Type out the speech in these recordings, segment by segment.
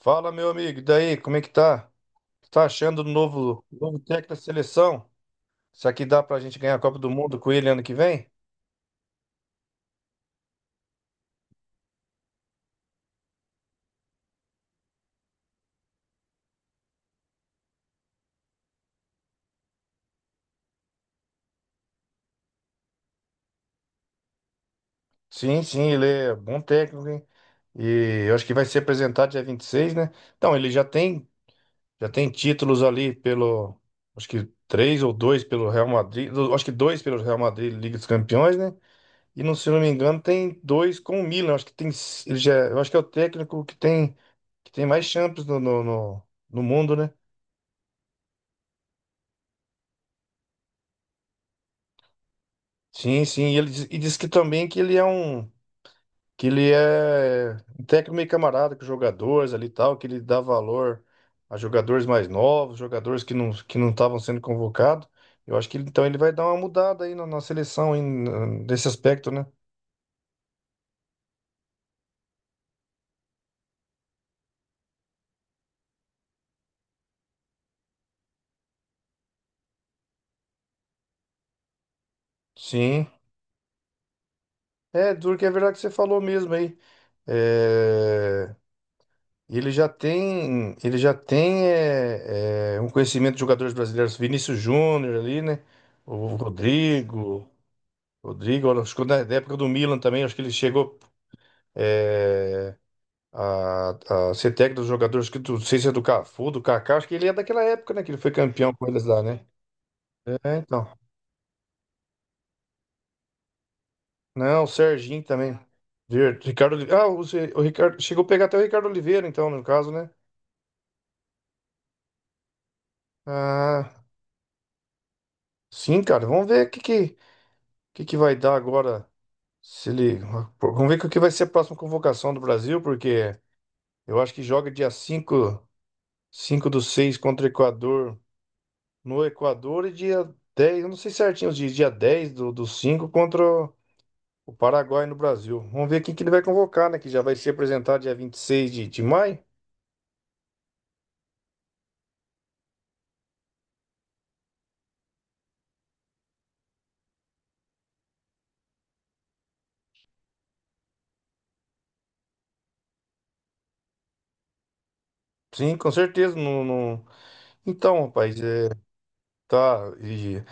Fala, meu amigo, e daí, como é que tá? Tá achando o novo técnico da seleção? Será que dá pra gente ganhar a Copa do Mundo com ele ano que vem? Sim, sim, ele é bom técnico, hein? E eu acho que vai ser apresentado dia 26, né? Então, já tem títulos ali pelo, acho que três ou dois pelo Real Madrid, acho que dois pelo Real Madrid, Liga dos Campeões, né? E não, se não me engano, tem dois com o Milan, acho que tem, ele já, eu acho que é o técnico que tem mais Champions no mundo, né? Sim, sim. E ele diz, e diz que também que ele é um técnico meio camarada com os jogadores ali e tal, que ele dá valor a jogadores mais novos, jogadores que não estavam sendo convocados. Eu acho que então ele vai dar uma mudada aí na seleção aí, nesse aspecto, né? Sim. É, duro que é verdade que você falou mesmo aí. É, ele já tem um conhecimento de jogadores brasileiros, Vinícius Júnior ali, né? O Rodrigo. Rodrigo, olha, acho que na época do Milan também, acho que ele chegou é, a ser técnico dos jogadores, acho que não sei se é do Cafu, do Kaká, acho que ele é daquela época, né? Que ele foi campeão com eles lá, né? É, então. Não, o Serginho também. Ricardo Oliveira. Ah, o, Se- o Ricardo. Chegou a pegar até o Ricardo Oliveira, então, no caso, né? Ah, sim, cara. Vamos ver o que que vai dar agora. Se ele, vamos ver o que vai ser a próxima convocação do Brasil, porque eu acho que joga dia 5, 5 do 6 contra o Equador, no Equador, e dia 10, eu não sei certinho os dias, dia 10 do, do 5 contra o Paraguai no Brasil. Vamos ver quem que ele vai convocar, né? Que já vai ser apresentado dia vinte e seis de maio. Sim, com certeza. Então, rapaz, é, tá. E,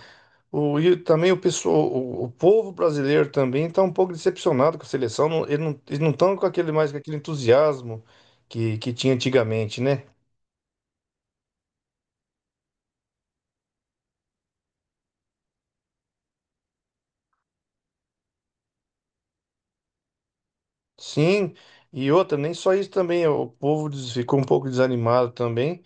e também o povo brasileiro também está um pouco decepcionado com a seleção. Não, eles não estão com aquele mais com aquele entusiasmo que tinha antigamente, né? Sim. E outra, nem só isso também, o povo ficou um pouco desanimado também.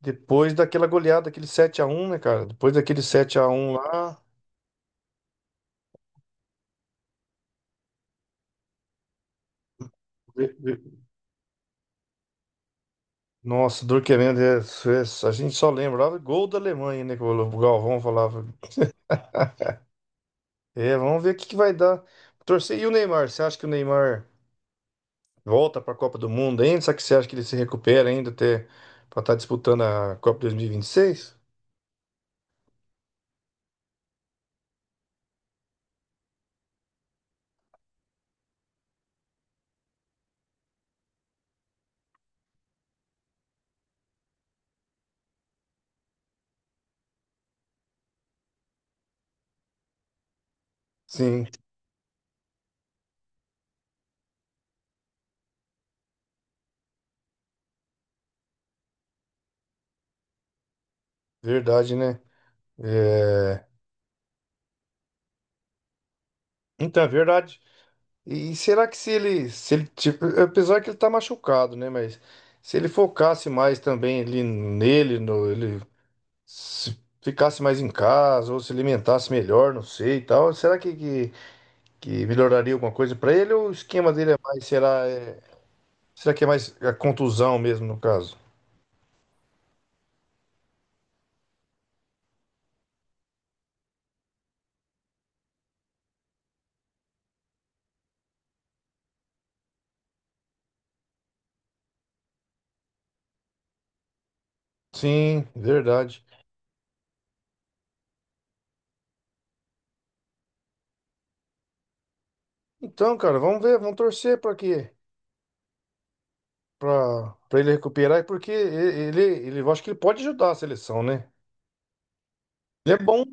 Depois daquela goleada, aquele 7 a 1, né, cara? Depois daquele 7 a 1 lá. ve- ve- Nossa, dor, a gente só lembrava gol da Alemanha, né? Que o Galvão falava. É, vamos ver o que, que vai dar. Torcer. E o Neymar? Você acha que o Neymar volta para a Copa do Mundo ainda? Será que você acha que ele se recupera ainda até para estar disputando a Copa 2026? Sim, verdade, né? É, então, é verdade. E será que se ele, tipo, apesar que ele tá machucado, né? Mas se ele focasse mais também ali nele, no, ele se ficasse mais em casa, ou se alimentasse melhor, não sei e tal, será que melhoraria alguma coisa pra ele? Ou o esquema dele é mais, será que é mais a contusão mesmo, no caso? Sim, verdade. Então, cara, vamos torcer para que para para ele recuperar, porque eu acho que ele pode ajudar a seleção, né? Ele é bom.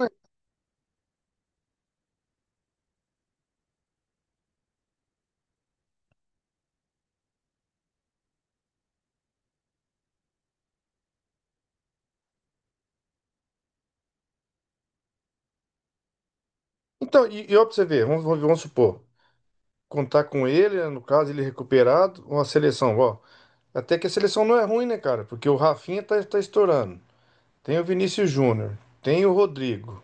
Então, e ó, pra você ver, vamos supor, contar com ele, né, no caso, ele recuperado, uma seleção, ó. Até que a seleção não é ruim, né, cara? Porque o Rafinha tá estourando. Tem o Vinícius Júnior, tem o Rodrigo.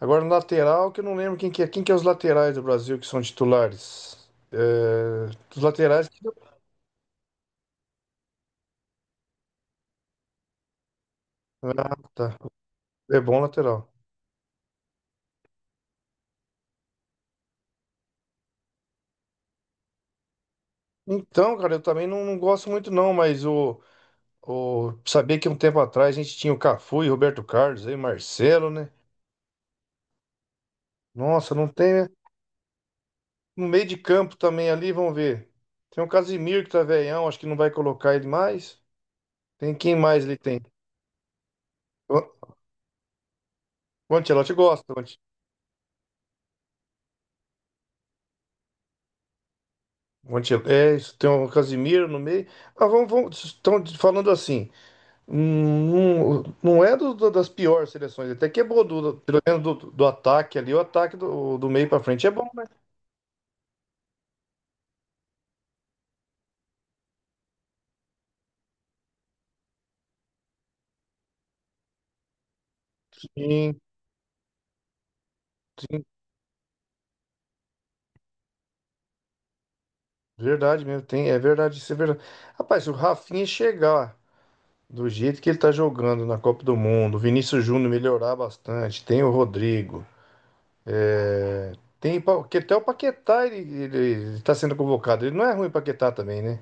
Agora, no lateral, que eu não lembro quem que é. Quem que é os laterais do Brasil que são titulares? É, os laterais que... Ah, tá. É bom lateral. Então, cara, eu também não gosto muito não, mas saber que um tempo atrás a gente tinha o Cafu e Roberto Carlos, aí Marcelo, né? Nossa, não tem... né? No meio de campo também ali, vamos ver. Tem o Casimiro que tá velhão, acho que não vai colocar ele mais. Tem quem mais ele tem? O o Ancelotti gosta. É isso, tem o Casimiro no meio. Ah, estão falando assim. Não, não é das piores seleções, até que é boa, pelo menos do ataque ali, o ataque do meio pra frente é bom. Sim, verdade mesmo, tem, é verdade, isso é verdade. Rapaz, se o Rafinha chegar. Do jeito que ele tá jogando na Copa do Mundo, o Vinícius Júnior melhorar bastante, tem o Rodrigo, é, tem que até o Paquetá ele tá sendo convocado. Ele não é ruim o Paquetá também, né?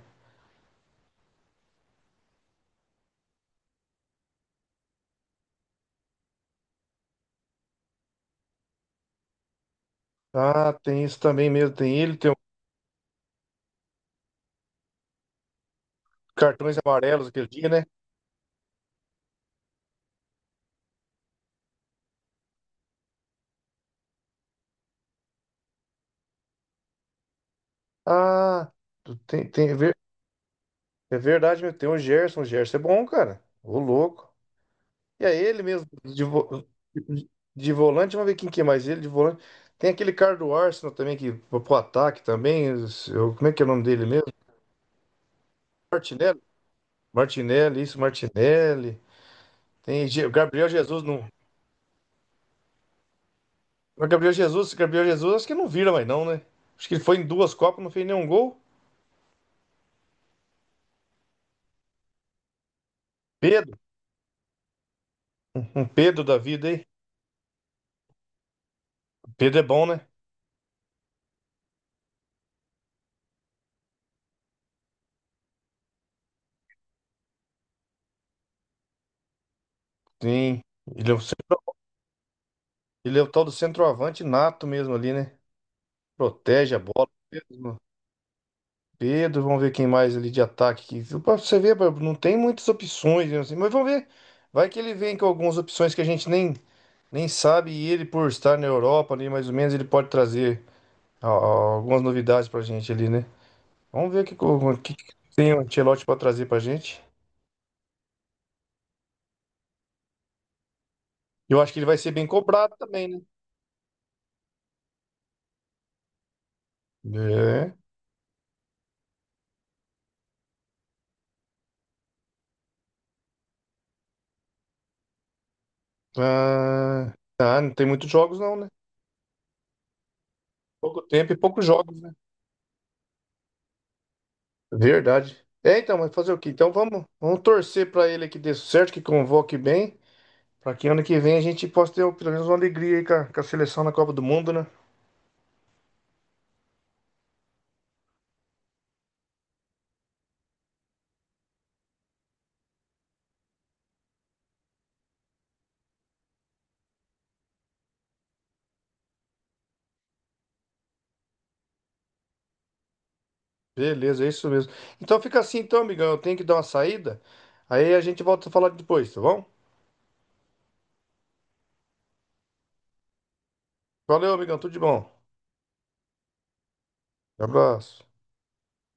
Ah, tem isso também mesmo, tem ele, tem o cartões amarelos aquele dia, né? Ah, tu- tem, tem, é ver- é verdade mesmo, tem o Gerson é bom, cara. Ô louco. E é ele mesmo, de volante, vamos ver quem que é mais ele, de volante. Tem aquele cara do Arsenal também, que foi pro ataque também, como é que é o nome dele mesmo? Martinelli? Martinelli, isso, Martinelli. Tem o Gabriel Jesus, não. O Gabriel Jesus, Gabriel Jesus, acho que não vira mais não, né? Acho que ele foi em duas Copas, não fez nenhum gol. Pedro, um Pedro da vida aí. Pedro é bom, né? Sim, ele é o, ce- ele é o tal do centroavante nato mesmo ali, né? Protege a bola. Pedro, vamos ver quem mais ali de ataque. Que, pra você ver, não tem muitas opções, né, assim, mas vamos ver. Vai que ele vem com algumas opções que a gente nem sabe, e ele, por estar na Europa ali, mais ou menos, ele pode trazer algumas novidades pra gente ali, né? Vamos ver o que, que que tem o Ancelotti pra trazer pra gente. Eu acho que ele vai ser bem cobrado também, né? É. Ah, não tem muitos jogos, não, né? Pouco tempo e poucos jogos, né? Verdade. É, então, mas fazer o quê? Então vamos torcer pra ele que dê certo, que convoque bem. Pra que ano que vem a gente possa ter pelo menos uma alegria aí com com a seleção na Copa do Mundo, né? Beleza, é isso mesmo. Então fica assim, então, amigão. Eu tenho que dar uma saída. Aí a gente volta a falar depois, tá bom? Valeu, amigão. Tudo de bom. Abraço.